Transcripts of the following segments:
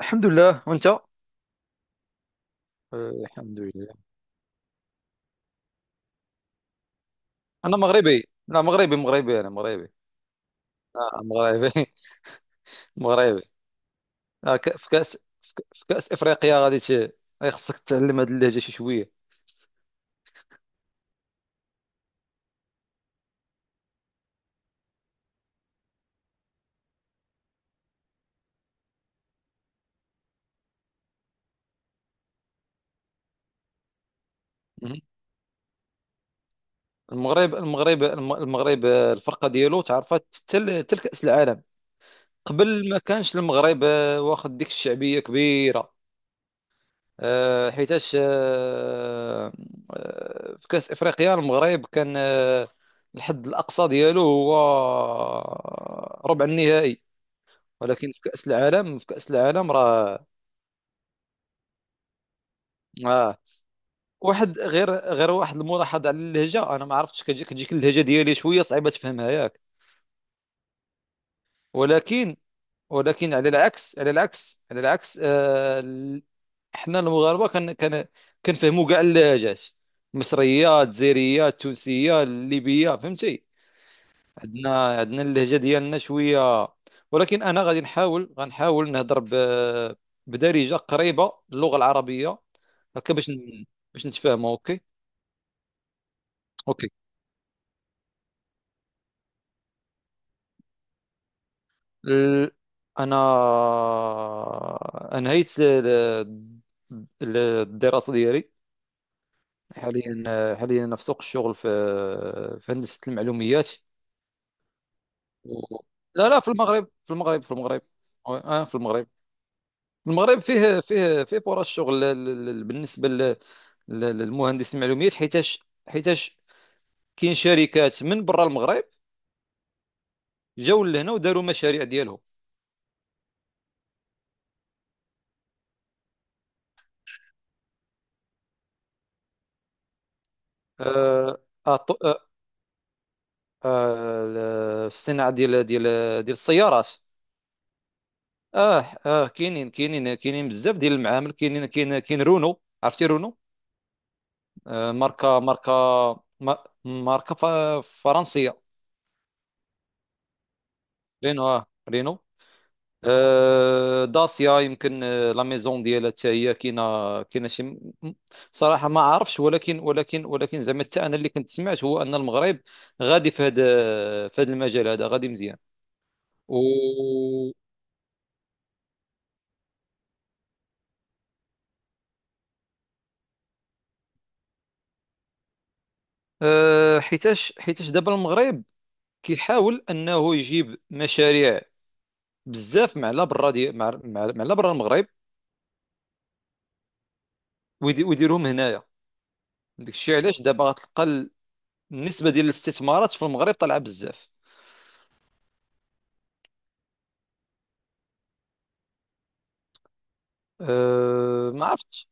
الحمد لله وانت. آه، الحمد لله. انا مغربي، لا، مغربي مغربي، انا مغربي. آه، مغربي. مغربي. آه، في كاس في كاس افريقيا، خصك تتعلم هذه اللهجه شي شويه، مهم. المغرب، المغرب، الفرقه ديالو تعرفت حتى حتى لكاس العالم. قبل ما كانش المغرب واخد ديك الشعبيه كبيره. آه، حيتاش آه، آه، في كأس إفريقيا المغرب كان، الحد الأقصى ديالو هو ربع النهائي، ولكن في كأس العالم، راه. آه. واحد، غير غير واحد الملاحظة على اللهجة، أنا ما عرفتش كتجيك اللهجة ديالي شوية صعيبة تفهمها، ياك؟ ولكن، على العكس، احنا المغاربه، كن كن كنفهموا كاع اللهجات، مصريه، جزائريه، تونسيه، ليبيه، فهمتي. عندنا اللهجه ديالنا شويه، ولكن انا غادي نحاول، بدارجه قريبه للغه العربيه، هكا باش نتفاهموا. اوكي. اوكي. ال... انا انهيت الدراسه ديالي. حاليا، انا في سوق الشغل، في هندسه المعلومات. و- لا، لا، في المغرب في المغرب. اه، في المغرب. المغرب فيه فيه فرص شغل، للمهندس المعلومات، حيتاش، حيتاش كاين شركات من برا المغرب جاوا لهنا وداروا مشاريع ديالهم. آه آه ط- آه الصناعه ديال السيارات. اه. اه، كاينين، بزاف ديال المعامل، كاينين، كاين رونو، عرفتي رونو؟ آه، ماركه، ماركه فرنسيه. رينو، اه، رينو. آه، داسيا يمكن، لا ميزون ديالها حتى هي كاينه، كاينه شي، صراحه ما عارفش، ولكن، زعما حتى انا اللي كنت سمعت هو ان المغرب غادي في هذا، في هذا المجال هذا غادي مزيان. و حيتاش، دابا المغرب كيحاول انه يجيب مشاريع بزاف مع لا برا مع لا برا المغرب، ويديرهم هنايا. داكشي علاش دابا غتلقى النسبه ديال الاستثمارات في المغرب طالعه بزاف. أه ما عرفتش.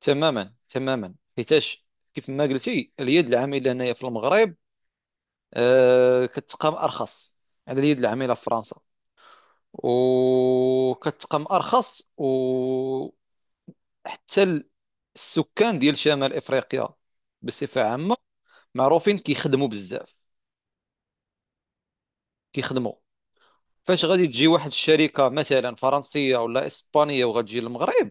تماما، حيتاش كيف ما قلتي، اليد العامله هنايا في المغرب كتقام ارخص على اليد العامله في فرنسا، وكتقام ارخص. وحتى السكان ديال شمال افريقيا بصفه عامه معروفين كيخدموا بزاف. كيخدموا. فاش غادي تجي واحد الشركه مثلا فرنسيه ولا اسبانيه وغتجي للمغرب،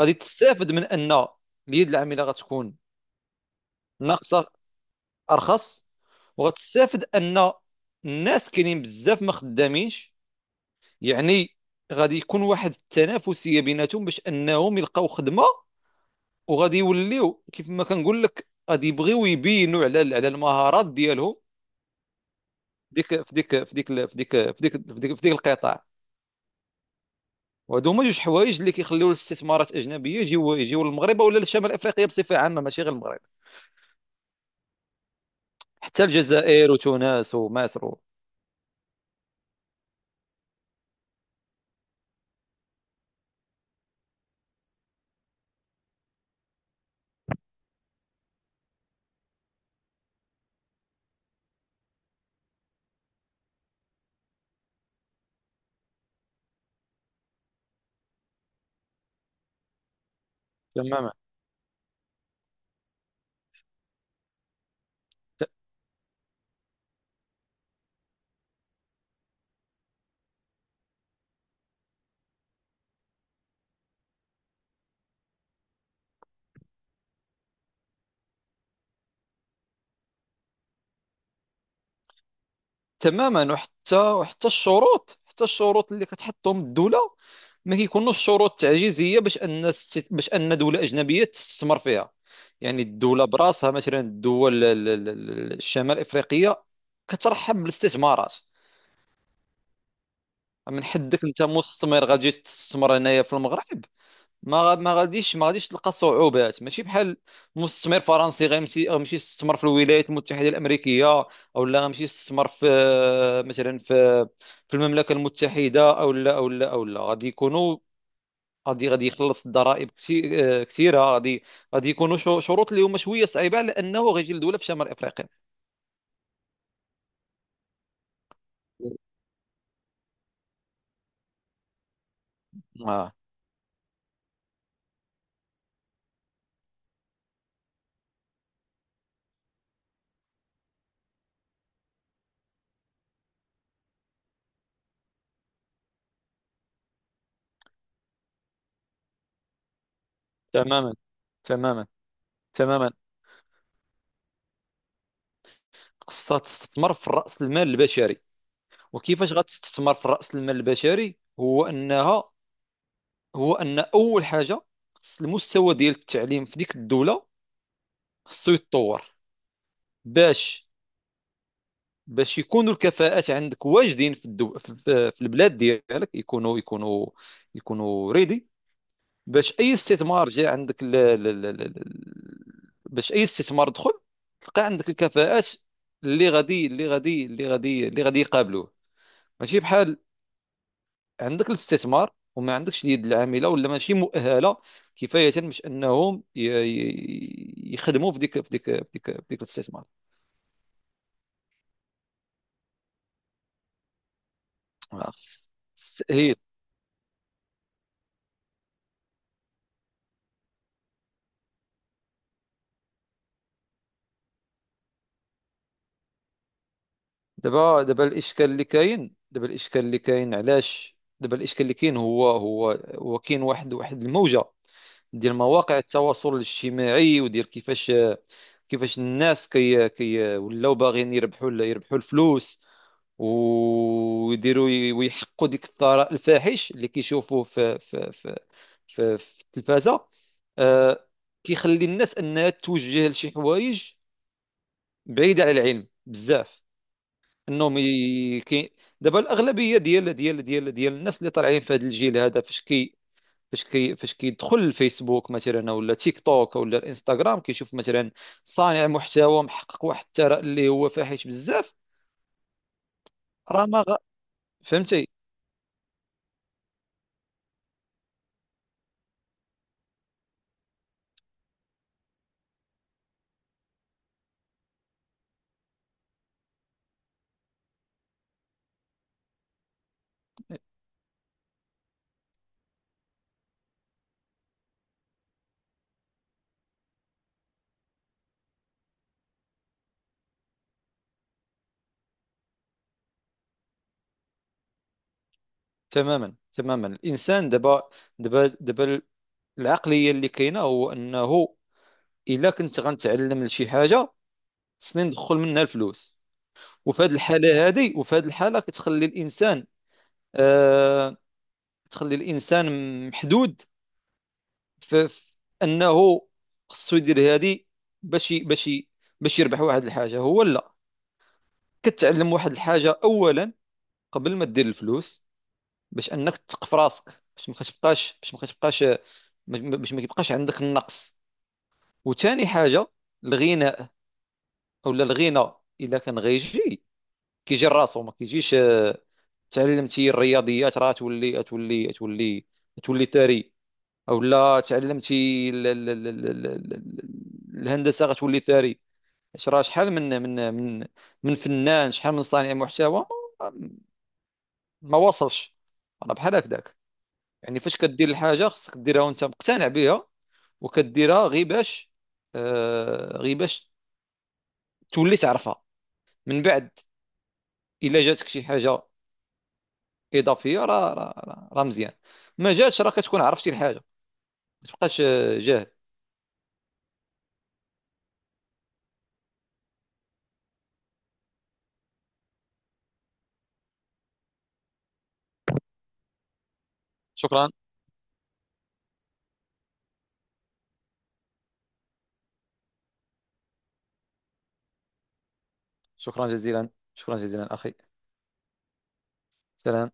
غادي تستافد من ان اليد العامله غتكون ناقصه، ارخص. وغتستافد ان الناس كاينين بزاف ما خدامينش، يعني غادي يكون واحد التنافسيه بيناتهم باش انهم يلقاو خدمه. وغادي يوليو كيف ما كنقول لك غادي يبغيو يبينوا على المهارات ديالهم، ديك في ديك في ديك في ديك في ديك في ديك, في ديك القطاع. وهادو هما جوج حوايج اللي كيخليو الاستثمارات الاجنبيه يجيو، للمغرب ولا لشمال افريقيا بصفه عامه، ماشي غير المغرب، حتى الجزائر وتونس ومصر تماما، وحتى، الشروط، حتى الشروط اللي كتحطهم الدولة ما كيكونوش شروط تعجيزية، باش ان باش ان دولة أجنبية تستثمر فيها. يعني الدولة براسها، مثلا الدول، الشمال الإفريقية كترحب بالاستثمارات. من حدك انت مستثمر غادي تستثمر هنايا في المغرب، ما غاديش تلقى صعوبات، ماشي بحال مستثمر فرنسي غيمشي، يستثمر في الولايات المتحده الامريكيه، او لا غيمشي يستثمر في، مثلا في، في المملكه المتحده، او لا غادي يكونوا، غادي يخلص الضرائب، كثيره، غادي يكونوا، شروط اللي هما شويه صعيبه على انه غيجي لدوله في شمال افريقيا. آه. تماما تماما تماما. خصها تستثمر في رأس المال البشري. وكيفاش غتستثمر في رأس المال البشري؟ هو أنها، هو ان اول حاجه، خص المستوى ديال التعليم في ديك الدوله خصو يتطور، باش، يكونوا الكفاءات عندك واجدين، في, في في البلاد ديالك، يكونوا، يكونوا ريدي، باش اي استثمار جاء عندك، باش اي استثمار دخل تلقى عندك الكفاءات اللي غادي، يقابلوه. ماشي بحال عندك الاستثمار وما عندكش اليد العامله، ولا ماشي مؤهله كفايه باش انهم يخدموا في ديك، في ديك الاستثمار. آه. هي، دابا، الاشكال اللي كاين، دابا الاشكال اللي كاين علاش دابا الاشكال اللي كاين هو، كاين، واحد الموجه ديال مواقع التواصل الاجتماعي، وديال كيفاش، الناس، كي كي ولاو باغيين يربحوا، الفلوس، ويديروا ويحقوا ديك الثراء الفاحش اللي كيشوفوه في التلفازة. آه، كيخلي الناس انها توجه لشي حوايج بعيدة على العلم بزاف، انهم، دابا الاغلبية ديال، الناس اللي طالعين في هذا الجيل هذا، فاش كي، فاش كيدخل الفيسبوك مثلا ولا تيك توك ولا الانستغرام، كيشوف مثلا صانع محتوى محقق واحد الثراء اللي هو فاحش بزاف. راه ما غ... فهمتي. تماما، الانسان دابا، دابا دابا العقليه اللي كاينه هو انه الا كنت غنتعلم لشي حاجه، خصني ندخل منها الفلوس. وفي هذه الحاله هذه، وفي هذه الحاله كتخلي الانسان، آه تخلي الانسان محدود في، انه خصو يدير هذه، باش ي- باش ي- باش يربح واحد الحاجه. هو لا، كتعلم واحد الحاجه اولا قبل ما دير الفلوس، باش انك تثق في راسك، باش ما كتبقاش، باش ما كتبقاش ما- باش ما كيبقاش عندك النقص. وثاني حاجه الغناء، اولا الغنى الا كان غيجي كيجي راسو، ما كيجيش. تعلمتي الرياضيات راه تولي، ثري. اولا تعلمتي الهندسه غتولي ثري. اش راه شحال من، من فنان، شحال من صانع محتوى ما، وصلش. راه بحال هكذاك. يعني فاش كدير الحاجه خصك ديرها وانت مقتنع بها، وكديرها غير باش، غير باش تولي تعرفها من بعد. الا جاتك شي حاجه اضافيه راه، مزيان. ما جاتش، راه كتكون عرفتي الحاجه، ما تبقاش جاهل. شكرا. شكرا جزيلا، اخي. سلام.